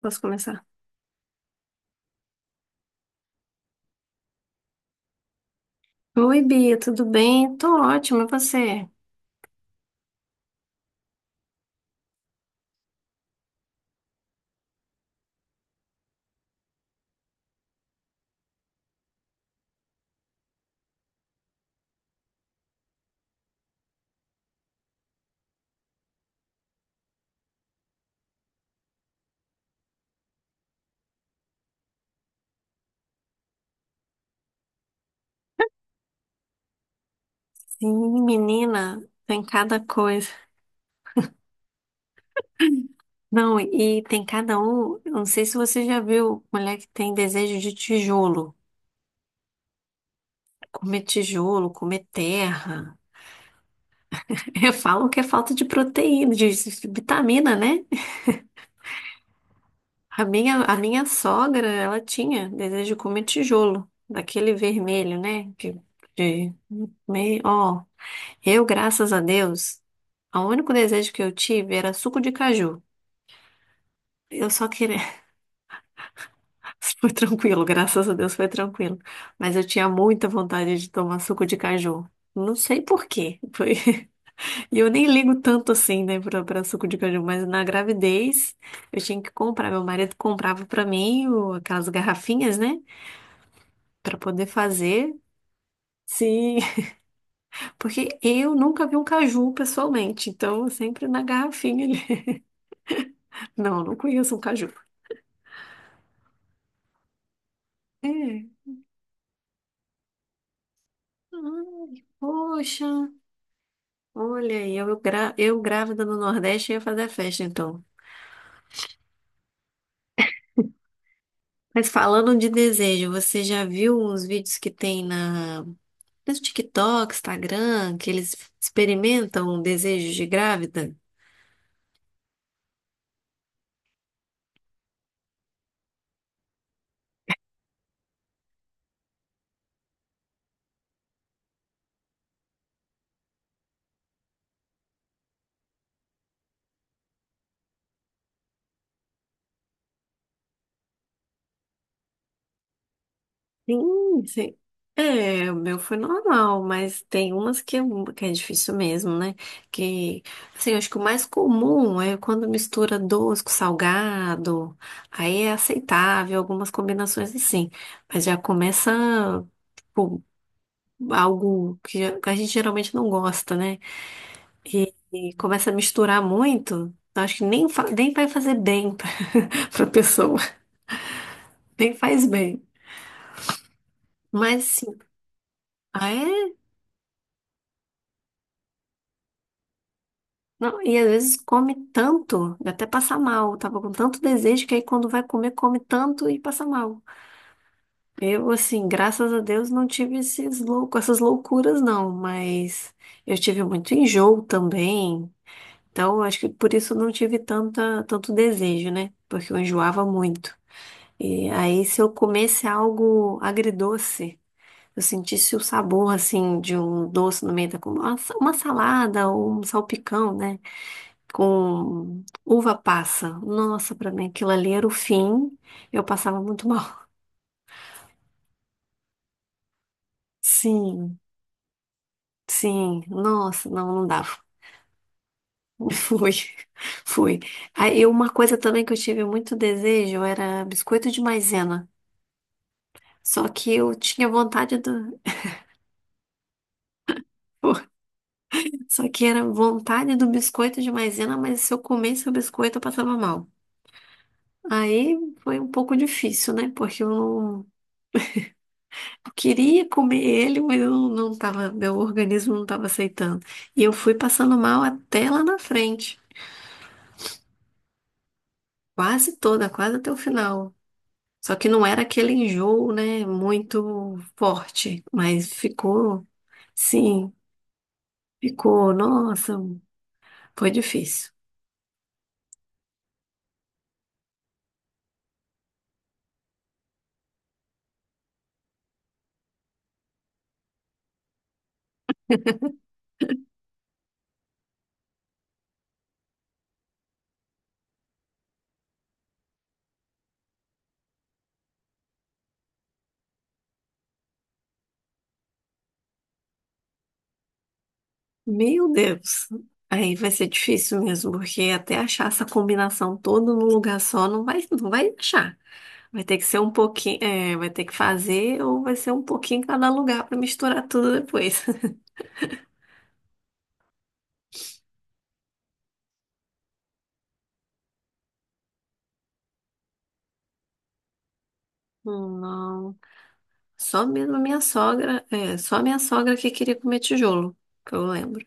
Posso começar? Oi, Bia, tudo bem? Tô ótima, e você? Sim, menina, tem cada coisa. Não, e tem cada um. Eu Não sei se você já viu mulher que tem desejo de tijolo. Comer tijolo, comer terra. Falam que é falta de proteína, de vitamina, né? A minha sogra, ela tinha desejo de comer tijolo, daquele vermelho, né? Que, de, meio, ó. Eu, graças a Deus, o único desejo que eu tive era suco de caju. Eu só queria. Foi tranquilo, graças a Deus foi tranquilo. Mas eu tinha muita vontade de tomar suco de caju. Não sei por quê. E eu nem ligo tanto assim, né, pra suco de caju. Mas na gravidez, eu tinha que comprar. Meu marido comprava pra mim aquelas garrafinhas, né, pra poder fazer. Sim, porque eu nunca vi um caju pessoalmente. Então, sempre na garrafinha ali. Não, não conheço um caju. É. Ai, poxa, olha aí, eu, eu grávida no Nordeste ia fazer a festa então. Mas falando de desejo, você já viu uns vídeos que tem no TikTok, Instagram, que eles experimentam desejos de grávida? Sim, sim. É, o meu foi normal, mas tem umas que é, que é difícil mesmo, né? Que, assim, eu acho que o mais comum é quando mistura doce com salgado, aí é aceitável, algumas combinações assim. Mas já começa, tipo, algo que a gente geralmente não gosta, né? E começa a misturar muito, eu acho que nem vai fazer bem pra, pra pessoa, nem faz bem. Mas, sim, ah, é? Não, e às vezes come tanto, dá até passa mal. Tava com tanto desejo que aí quando vai comer, come tanto e passa mal. Eu, assim, graças a Deus não tive esses louco, essas loucuras, não, mas eu tive muito enjoo também. Então, acho que por isso eu não tive tanto desejo, né? Porque eu enjoava muito. E aí, se eu comesse algo agridoce, eu sentisse o sabor, assim, de um doce no meio da comida. Uma salada ou um salpicão, né, com uva passa. Nossa, pra mim aquilo ali era o fim. Eu passava muito mal. Sim, sim. Nossa, não, não dava. Fui, fui. Aí uma coisa também que eu tive muito desejo era biscoito de maisena. Só que eu tinha vontade do. Só que era vontade do biscoito de maisena, mas se eu comesse o biscoito eu passava mal. Aí foi um pouco difícil, né? Porque eu não. Eu queria comer ele, mas eu não tava, meu organismo não estava aceitando. E eu fui passando mal até lá na frente, quase toda, quase até o final. Só que não era aquele enjoo, né, muito forte, mas ficou, sim, ficou, nossa, foi difícil. Meu Deus. Aí vai ser difícil mesmo, porque até achar essa combinação toda num lugar só não vai achar. Vai ter que ser um pouquinho, é, vai ter que fazer ou vai ser um pouquinho em cada lugar para misturar tudo depois. Não, só mesmo a minha sogra, é, só a minha sogra que queria comer tijolo, que eu lembro.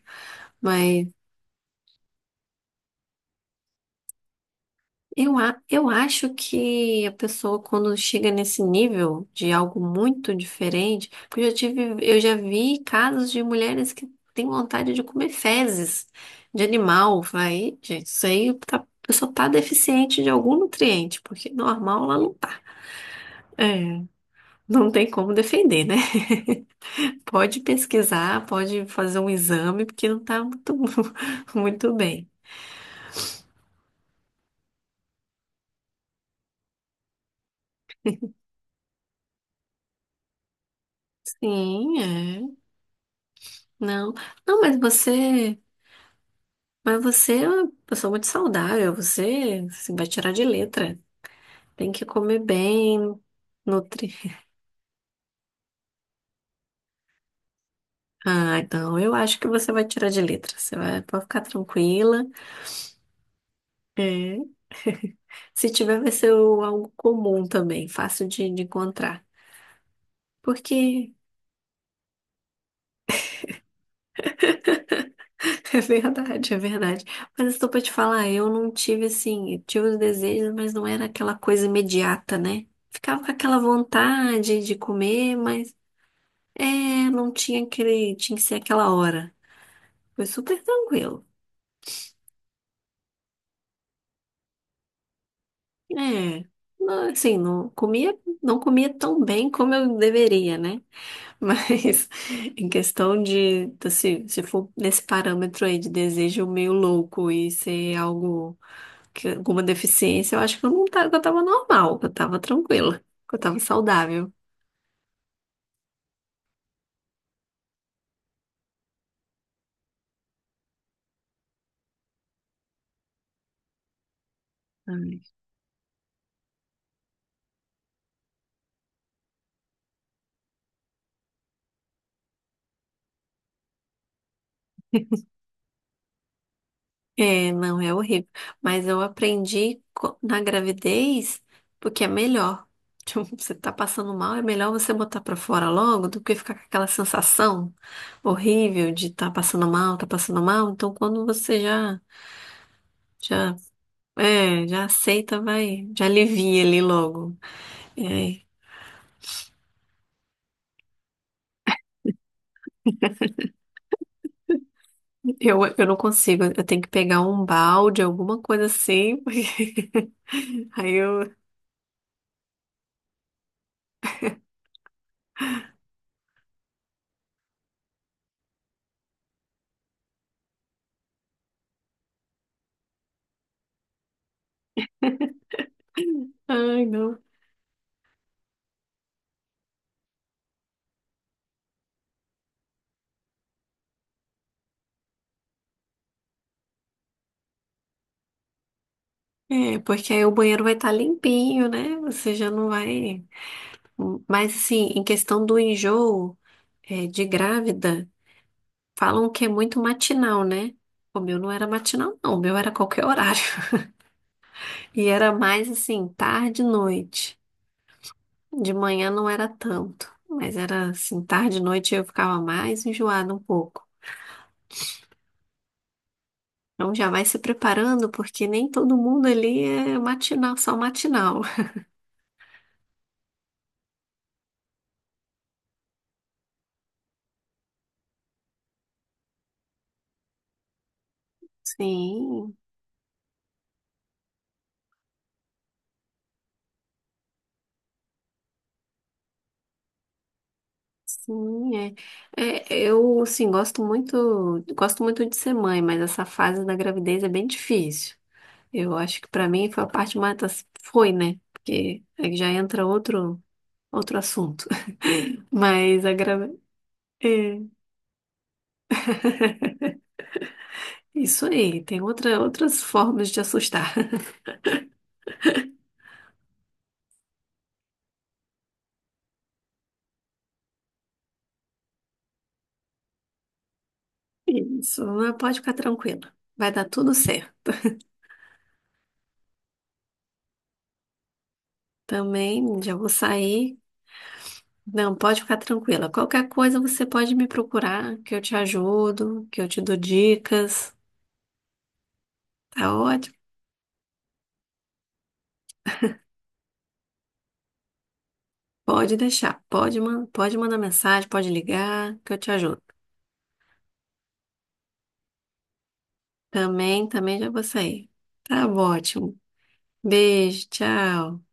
Mas eu, eu acho que a pessoa, quando chega nesse nível de algo muito diferente, porque eu já tive, eu já vi casos de mulheres que têm vontade de comer fezes de animal. Vai, gente, isso aí a pessoa tá deficiente de algum nutriente, porque normal ela não tá. É, não tem como defender, né? Pode pesquisar, pode fazer um exame, porque não tá muito, muito bem. Sim, é. Não. Não, mas você. Mas você é uma pessoa muito saudável, você assim, vai tirar de letra. Tem que comer bem, nutrir. Ah, então eu acho que você vai tirar de letra. Você vai, pode ficar tranquila. É. Se tiver, vai ser algo comum também, fácil de encontrar. Porque é verdade, é verdade. Mas estou para te falar, eu não tive assim, eu tive os desejos, mas não era aquela coisa imediata, né? Ficava com aquela vontade de comer, mas é, não tinha aquele, tinha que ser aquela hora. Foi super tranquilo. É, não, assim, não comia tão bem como eu deveria, né? Mas em questão de, assim, se for nesse parâmetro aí de desejo meio louco e ser algo, que, alguma deficiência, eu acho que eu não tava, que eu tava normal, que eu tava tranquila, que eu tava saudável. É, não, é horrível. Mas eu aprendi na gravidez porque é melhor. Tipo, você tá passando mal, é melhor você botar pra fora logo do que ficar com aquela sensação horrível de tá passando mal, tá passando mal. Então, quando você já, é, já aceita, vai, já alivia ali logo. É, eu não consigo, eu tenho que pegar um balde, alguma coisa assim, porque aí eu, ai, não. É, porque aí o banheiro vai estar limpinho, né? Você já não vai. Mas, assim, em questão do enjoo, é, de grávida, falam que é muito matinal, né? O meu não era matinal, não. O meu era qualquer horário. E era mais, assim, tarde e noite. De manhã não era tanto. Mas era, assim, tarde e noite eu ficava mais enjoada um pouco. Então já vai se preparando, porque nem todo mundo ali é matinal, só matinal. Sim. Sim, é. É, eu, assim, gosto muito de ser mãe, mas essa fase da gravidez é bem difícil. Eu acho que pra mim foi a parte mais, assim, foi, né? Porque aí já entra outro, outro assunto. Mas a gravidez, é, isso aí, tem outras formas de assustar. Isso, mas pode ficar tranquila. Vai dar tudo certo. Também já vou sair. Não, pode ficar tranquila. Qualquer coisa você pode me procurar, que eu te ajudo, que eu te dou dicas. Tá ótimo. Pode deixar. Pode, man pode mandar mensagem, pode ligar, que eu te ajudo. Também já vou sair. Tá ótimo. Beijo, tchau.